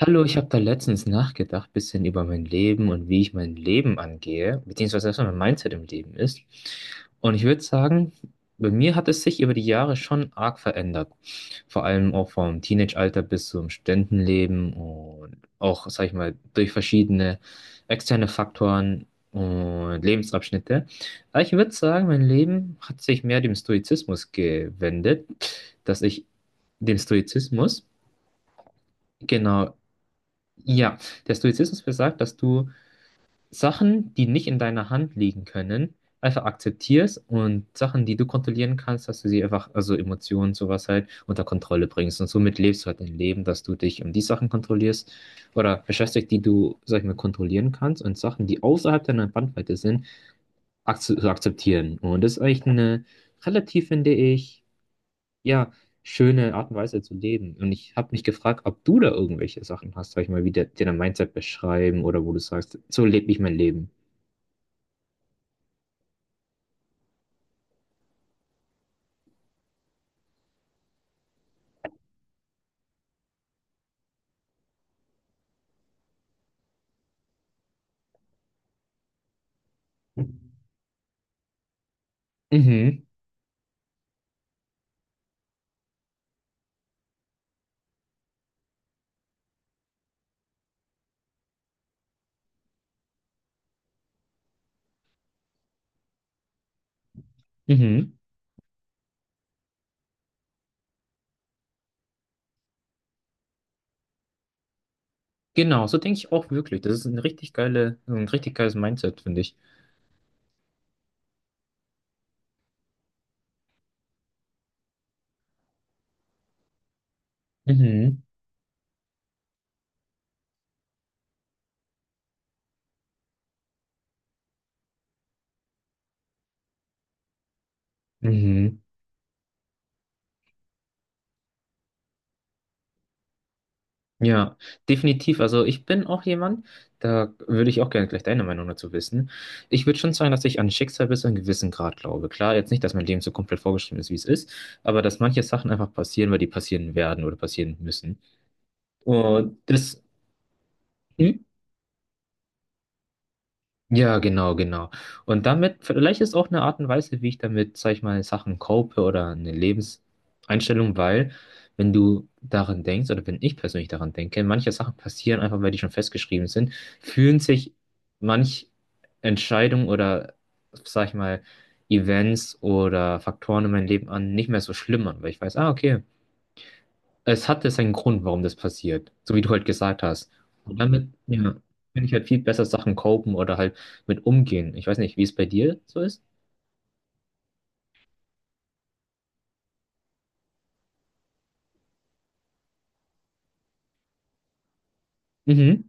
Hallo, ich habe da letztens nachgedacht, bisschen über mein Leben und wie ich mein Leben angehe, beziehungsweise was so mein Mindset im Leben ist. Und ich würde sagen, bei mir hat es sich über die Jahre schon arg verändert. Vor allem auch vom Teenage-Alter bis zum Studentenleben und auch, sag ich mal, durch verschiedene externe Faktoren und Lebensabschnitte. Aber ich würde sagen, mein Leben hat sich mehr dem Stoizismus gewendet, dass ich dem Stoizismus, genau, ja, der Stoizismus besagt, dass du Sachen, die nicht in deiner Hand liegen können, einfach akzeptierst und Sachen, die du kontrollieren kannst, dass du sie einfach, also Emotionen, sowas halt, unter Kontrolle bringst. Und somit lebst du halt dein Leben, dass du dich um die Sachen kontrollierst oder beschäftigst, die du, sag ich mal, kontrollieren kannst und Sachen, die außerhalb deiner Bandweite sind, ak zu akzeptieren. Und das ist eigentlich eine relativ, finde ich, ja, schöne Art und Weise zu leben. Und ich habe mich gefragt, ob du da irgendwelche Sachen hast, sag ich mal, dir dein Mindset beschreiben oder wo du sagst, so lebe ich mein Leben. Mhm, mhm. Genau, so denke ich auch wirklich. Das ist ein richtig geiles Mindset, finde ich. Mhm, mhm. Ja, definitiv. Also ich bin auch jemand, da würde ich auch gerne gleich deine Meinung dazu wissen. Ich würde schon sagen, dass ich an Schicksal bis zu einem gewissen Grad glaube. Klar, jetzt nicht, dass mein Leben so komplett vorgeschrieben ist, wie es ist, aber dass manche Sachen einfach passieren, weil die passieren werden oder passieren müssen. Und das hm? Ja, genau, genau. Und damit, vielleicht ist auch eine Art und Weise, wie ich damit, sag ich mal, Sachen cope oder eine Lebenseinstellung, weil, wenn du daran denkst, oder wenn ich persönlich daran denke, manche Sachen passieren einfach, weil die schon festgeschrieben sind, fühlen sich manch Entscheidung oder, sag ich mal, Events oder Faktoren in meinem Leben an, nicht mehr so schlimm an, weil ich weiß, ah, okay, es hatte seinen Grund, warum das passiert, so wie du halt gesagt hast. Und damit, ja, kann ich halt viel besser Sachen copen oder halt mit umgehen. Ich weiß nicht, wie es bei dir so ist. Mhm.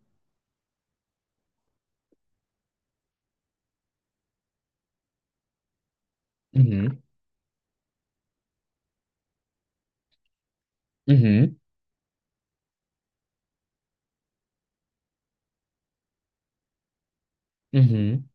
Mhm. Mhm. Mhm.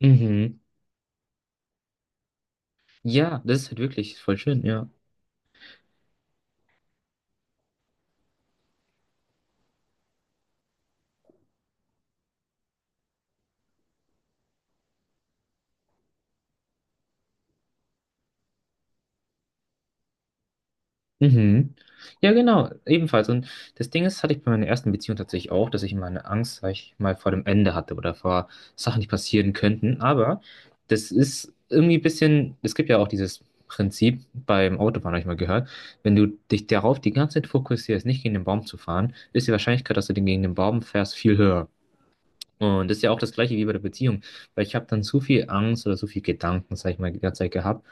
Mhm. Ja, das ist halt wirklich voll schön, ja. Mhm. Ja, genau, ebenfalls. Und das Ding ist, hatte ich bei meiner ersten Beziehung tatsächlich auch, dass ich immer eine Angst, sag ich mal, vor dem Ende hatte oder vor Sachen, die passieren könnten. Aber das ist irgendwie ein bisschen, es gibt ja auch dieses Prinzip beim Autofahren, habe ich mal gehört, wenn du dich darauf die ganze Zeit fokussierst, nicht gegen den Baum zu fahren, ist die Wahrscheinlichkeit, dass du den gegen den Baum fährst, viel höher. Und das ist ja auch das Gleiche wie bei der Beziehung, weil ich habe dann zu viel Angst oder zu viel Gedanken, sag ich mal, die ganze Zeit gehabt.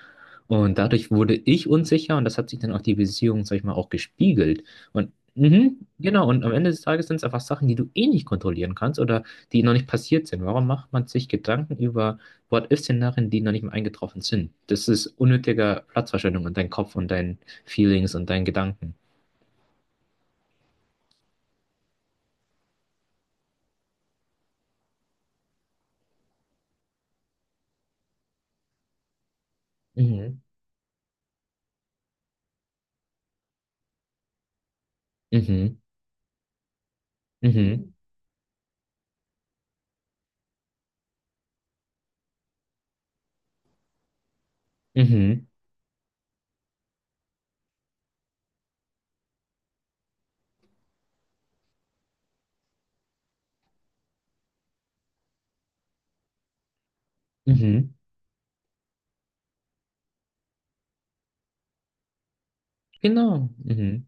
Und dadurch wurde ich unsicher und das hat sich dann auch die Beziehung, sag ich mal, auch gespiegelt. Und mhm, genau, und am Ende des Tages sind es einfach Sachen, die du eh nicht kontrollieren kannst oder die noch nicht passiert sind. Warum macht man sich Gedanken über What-if-Szenarien, die noch nicht mal eingetroffen sind? Das ist unnötiger Platzverschwendung in deinem Kopf und deinen Feelings und deinen Gedanken. Mhm. Mhm. Mhm. Mhm. Mhm. Mhm. Genau. Mhm.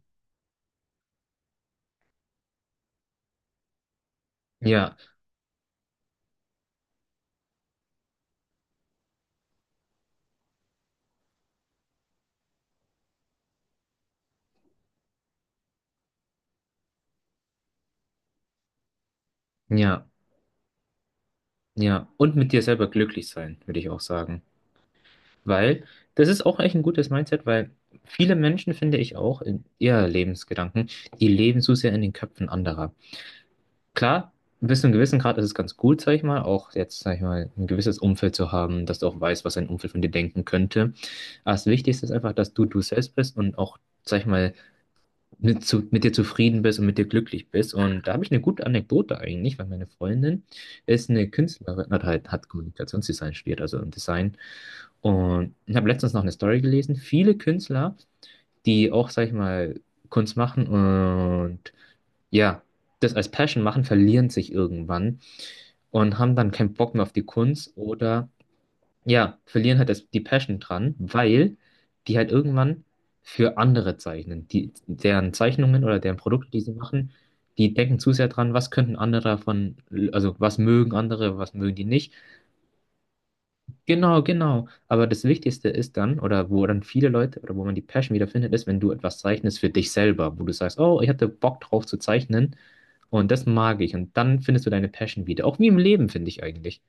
Ja. Ja, ja. Und mit dir selber glücklich sein, würde ich auch sagen. Weil das ist auch echt ein gutes Mindset, weil viele Menschen, finde ich auch, in ihr Lebensgedanken, die leben so sehr in den Köpfen anderer. Klar, bis zu einem gewissen Grad ist es ganz gut, sag ich mal, auch jetzt, sag ich mal, ein gewisses Umfeld zu haben, dass du auch weißt, was dein Umfeld von dir denken könnte. Aber das Wichtigste ist einfach, dass du du selbst bist und auch, sag ich mal, mit dir zufrieden bist und mit dir glücklich bist. Und da habe ich eine gute Anekdote eigentlich, weil meine Freundin ist eine Künstlerin, hat Kommunikationsdesign studiert, also im Design. Und ich habe letztens noch eine Story gelesen. Viele Künstler, die auch, sag ich mal, Kunst machen und ja, das als Passion machen, verlieren sich irgendwann und haben dann keinen Bock mehr auf die Kunst oder ja, verlieren halt die Passion dran, weil die halt irgendwann für andere zeichnen. Die, deren Zeichnungen oder deren Produkte, die sie machen, die denken zu sehr dran, was könnten andere davon, also was mögen andere, was mögen die nicht. Genau, genau. Aber das Wichtigste ist dann, oder wo dann viele Leute, oder wo man die Passion wiederfindet, ist, wenn du etwas zeichnest für dich selber, wo du sagst, oh, ich hatte Bock drauf zu zeichnen und das mag ich. Und dann findest du deine Passion wieder. Auch wie im Leben, finde ich eigentlich.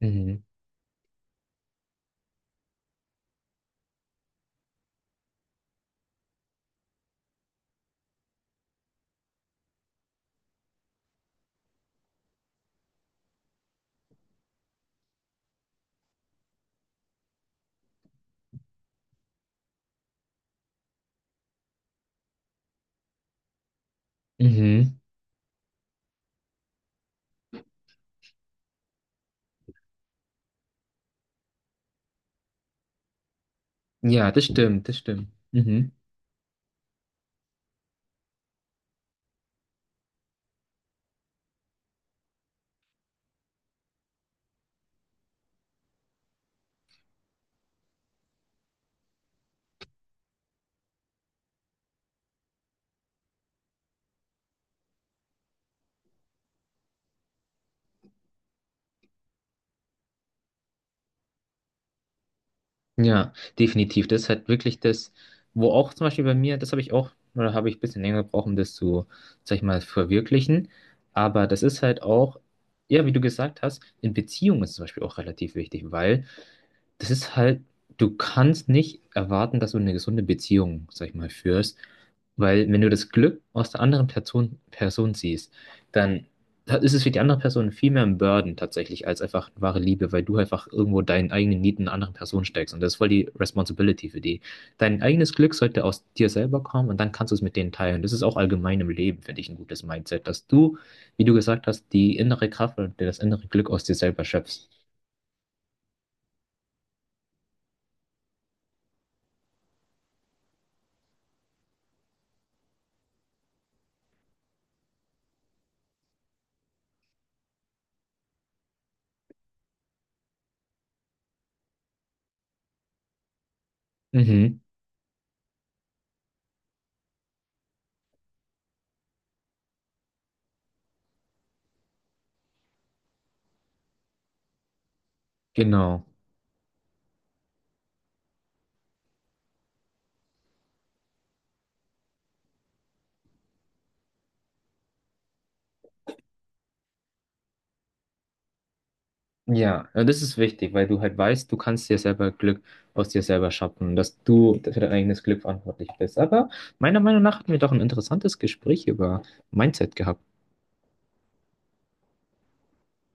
Mhm. Mhm. Ja, das stimmt, das stimmt. Mhm. Ja, definitiv. Das ist halt wirklich das, wo auch zum Beispiel bei mir, das habe ich auch, oder habe ich ein bisschen länger gebraucht, um das zu, sag ich mal, verwirklichen. Aber das ist halt auch, ja, wie du gesagt hast, in Beziehungen ist es zum Beispiel auch relativ wichtig, weil das ist halt, du kannst nicht erwarten, dass du eine gesunde Beziehung, sag ich mal, führst, weil wenn du das Glück aus der Person siehst, dann da ist es für die andere Person viel mehr ein Burden tatsächlich als einfach wahre Liebe, weil du einfach irgendwo deinen eigenen Need in einer anderen Person steckst und das ist voll die Responsibility für die. Dein eigenes Glück sollte aus dir selber kommen und dann kannst du es mit denen teilen. Das ist auch allgemein im Leben, finde ich, ein gutes Mindset, dass du, wie du gesagt hast, die innere Kraft und das innere Glück aus dir selber schöpfst. Mhm, genau. Ja, und das ist wichtig, weil du halt weißt, du kannst dir selber Glück aus dir selber schaffen, dass du für dein eigenes Glück verantwortlich bist. Aber meiner Meinung nach hatten wir doch ein interessantes Gespräch über Mindset gehabt.